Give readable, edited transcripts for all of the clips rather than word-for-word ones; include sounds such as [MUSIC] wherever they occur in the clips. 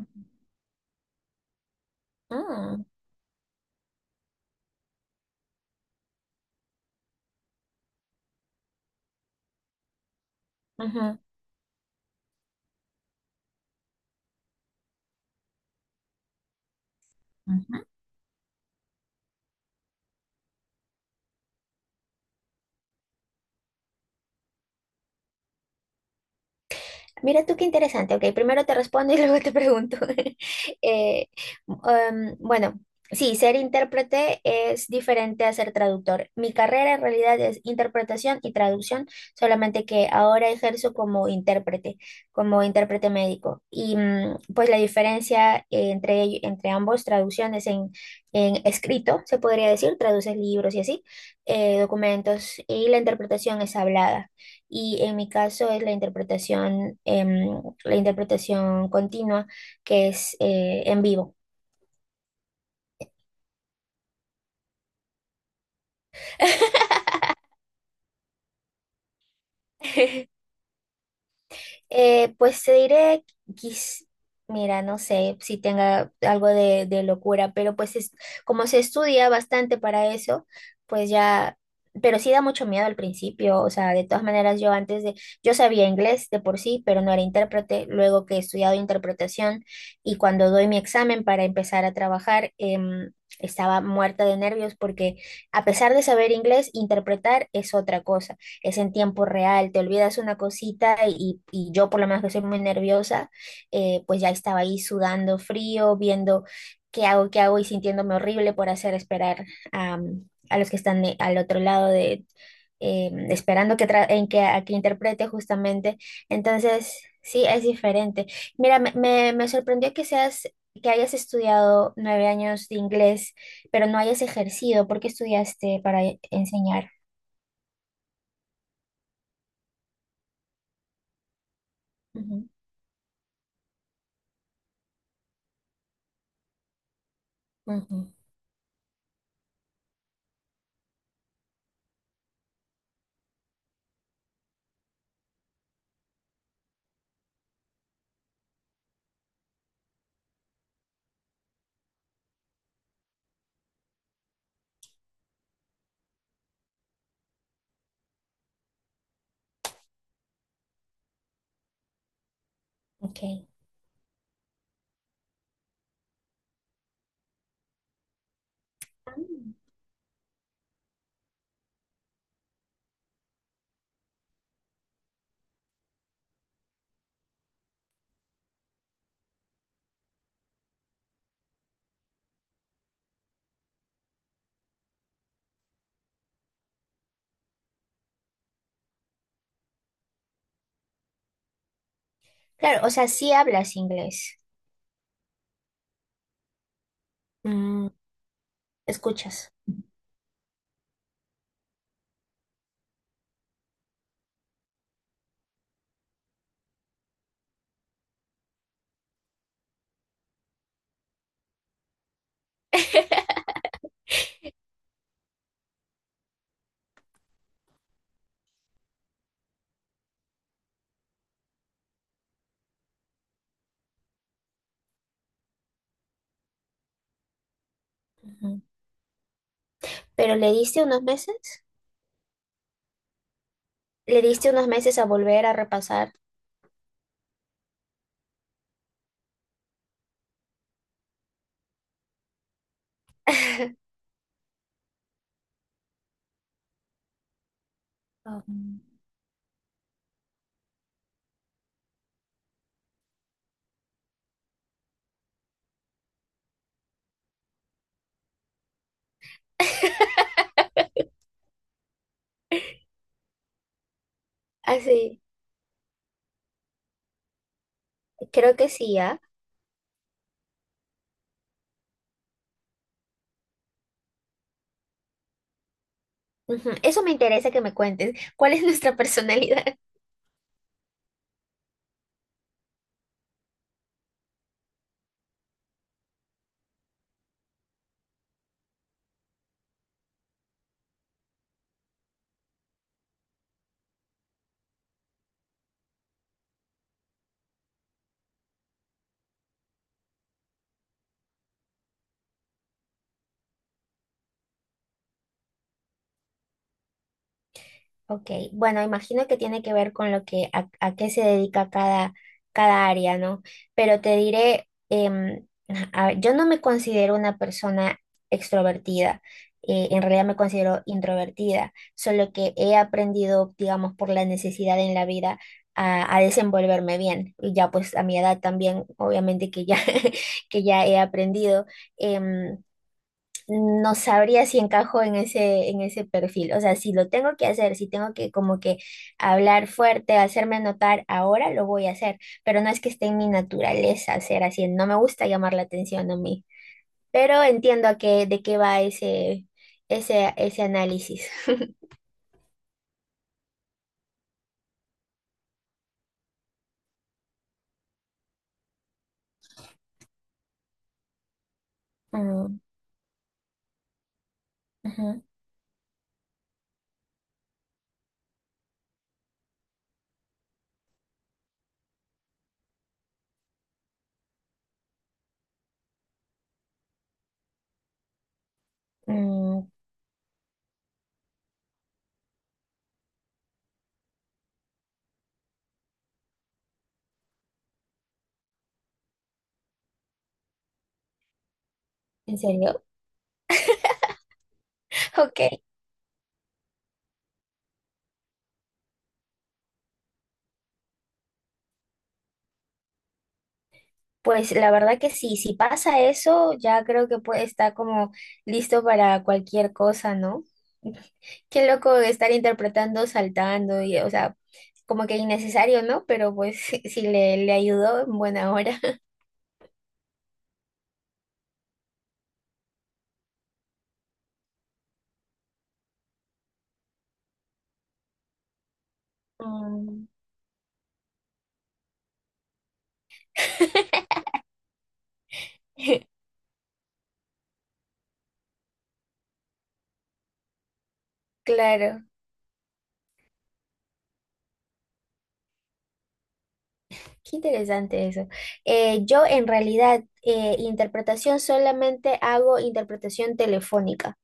Mm, ujú. Ujú. Mira tú qué interesante. Ok, primero te respondo y [LAUGHS] luego te pregunto. [LAUGHS] Eh, bueno, sí, ser intérprete es diferente a ser traductor. Mi carrera en realidad es interpretación y traducción, solamente que ahora ejerzo como intérprete médico. Y pues la diferencia entre ambos, traducciones en escrito, se podría decir, traduces libros y así, documentos, y la interpretación es hablada. Y en mi caso es la interpretación continua, que es en vivo. [LAUGHS] Pues te diré, quis- mira, no sé si tenga algo de locura, pero pues es, como se estudia bastante para eso, pues ya, pero sí da mucho miedo al principio, o sea, de todas maneras yo antes de, yo sabía inglés de por sí, pero no era intérprete, luego que he estudiado interpretación y cuando doy mi examen para empezar a trabajar, estaba muerta de nervios porque a pesar de saber inglés, interpretar es otra cosa, es en tiempo real, te olvidas una cosita y yo por lo menos que soy muy nerviosa, pues ya estaba ahí sudando frío, viendo qué hago y sintiéndome horrible por hacer esperar a los que están al otro lado esperando que tra- en que, a que interprete justamente. Entonces, sí, es diferente. Mira, me sorprendió que hayas estudiado 9 años de inglés, pero no hayas ejercido. ¿Por qué estudiaste para enseñar? Ujú, ujú. Ok. Ah. Claro, o sea, sí hablas inglés, mm, escuchas. Ujú. Pero ¿le diste unos meses? ¿Le diste unos meses a volver a repasar? Um, Ah, sí, creo que sí, ¿ah? Ujú. Eso me interesa que me cuentes. ¿Cuál es nuestra personalidad? Ok, bueno, imagino que tiene que ver con lo que a qué se dedica cada, cada área, ¿no? Pero te diré, [LAUGHS] a ver, yo no me considero una persona extrovertida, en realidad me considero introvertida, solo que he aprendido, digamos, por la necesidad en la vida a desenvolverme bien. Y ya pues a mi edad también, obviamente que ya, [LAUGHS] que ya he aprendido. em, no sabría si encajo en ese perfil. O sea, si lo tengo que hacer, si tengo que como que hablar fuerte, hacerme notar ahora, lo voy a hacer. Pero no es que esté en mi naturaleza ser así. No me gusta llamar la atención a mí. Pero entiendo a qué, de qué va ese, ese, ese análisis. [LAUGHS] Mm, ujú. Mm, ¿en serio? [LAUGHS] Ok. Pues la verdad que sí, si pasa eso, ya creo que puede estar como listo para cualquier cosa, ¿no? [LAUGHS] Qué loco estar interpretando saltando y, o sea, como que innecesario, ¿no? Pero pues [LAUGHS] si le ayudó, en buena hora. Mm. [LAUGHS] Claro, qué interesante eso. Yo en realidad, interpretación solamente hago interpretación telefónica.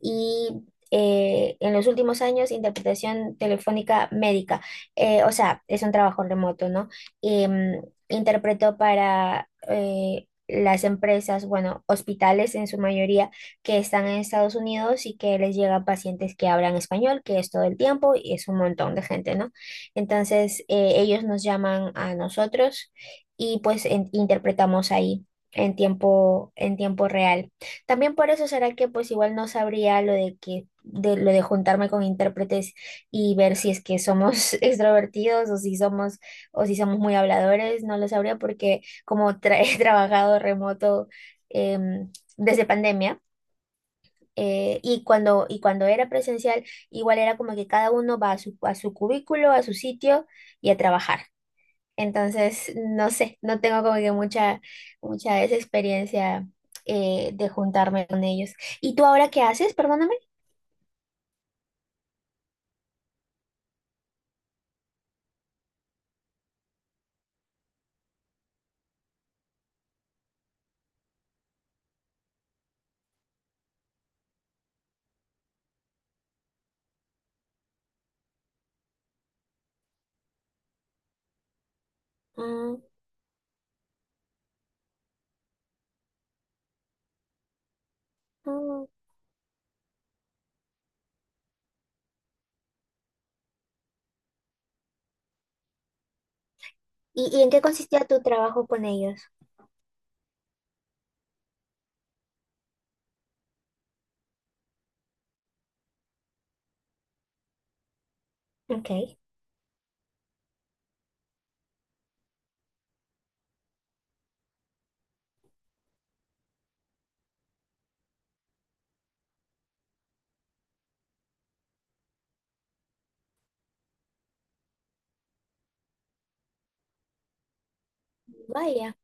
Y en los últimos años interpretación telefónica médica. O sea, es un trabajo remoto, ¿no? Em, interpretó para las empresas, bueno, hospitales en su mayoría que están en Estados Unidos y que les llegan pacientes que hablan español, que es todo el tiempo y es un montón de gente, ¿no? Entonces, ellos nos llaman a nosotros y pues interpretamos ahí en tiempo real. También por eso será que pues igual no sabría lo de que de lo de juntarme con intérpretes y ver si es que somos [LAUGHS] extrovertidos o si somos muy habladores, no lo sabría porque como [LAUGHS] he trabajado remoto, em, desde pandemia, y cuando era presencial igual era como que cada uno va a su cubículo, a su sitio y a trabajar. Entonces, no sé, no tengo como que mucha esa experiencia de juntarme con ellos. ¿Y tú ahora qué haces? Perdóname. Mm, mm. ¿Y en qué consistía tu trabajo con ellos? Ok, vaya.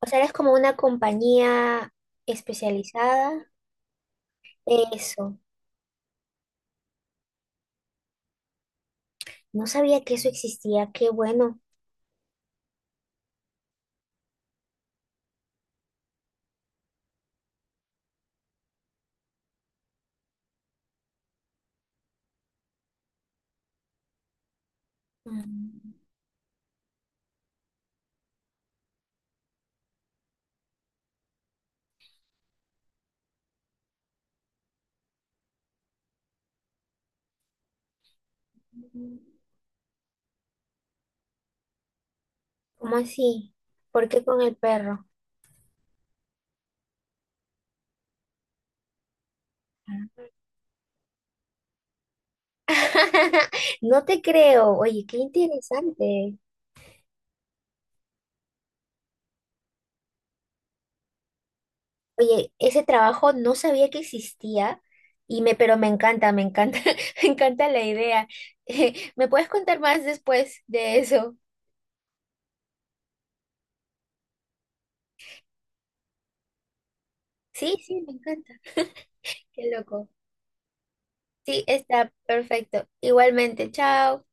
O sea, eres como una compañía especializada. Eso. No sabía que eso existía. Qué bueno. Mm. ¿Cómo así? ¿Por qué con el perro? Ah. [LAUGHS] No te creo. Oye, qué interesante. Oye, ese trabajo no sabía que existía pero me encanta, [LAUGHS] me encanta la idea. [LAUGHS] ¿Me puedes contar más después de eso? Sí, sí, me encanta. [LAUGHS] Qué loco. Sí, está perfecto. Igualmente, chao.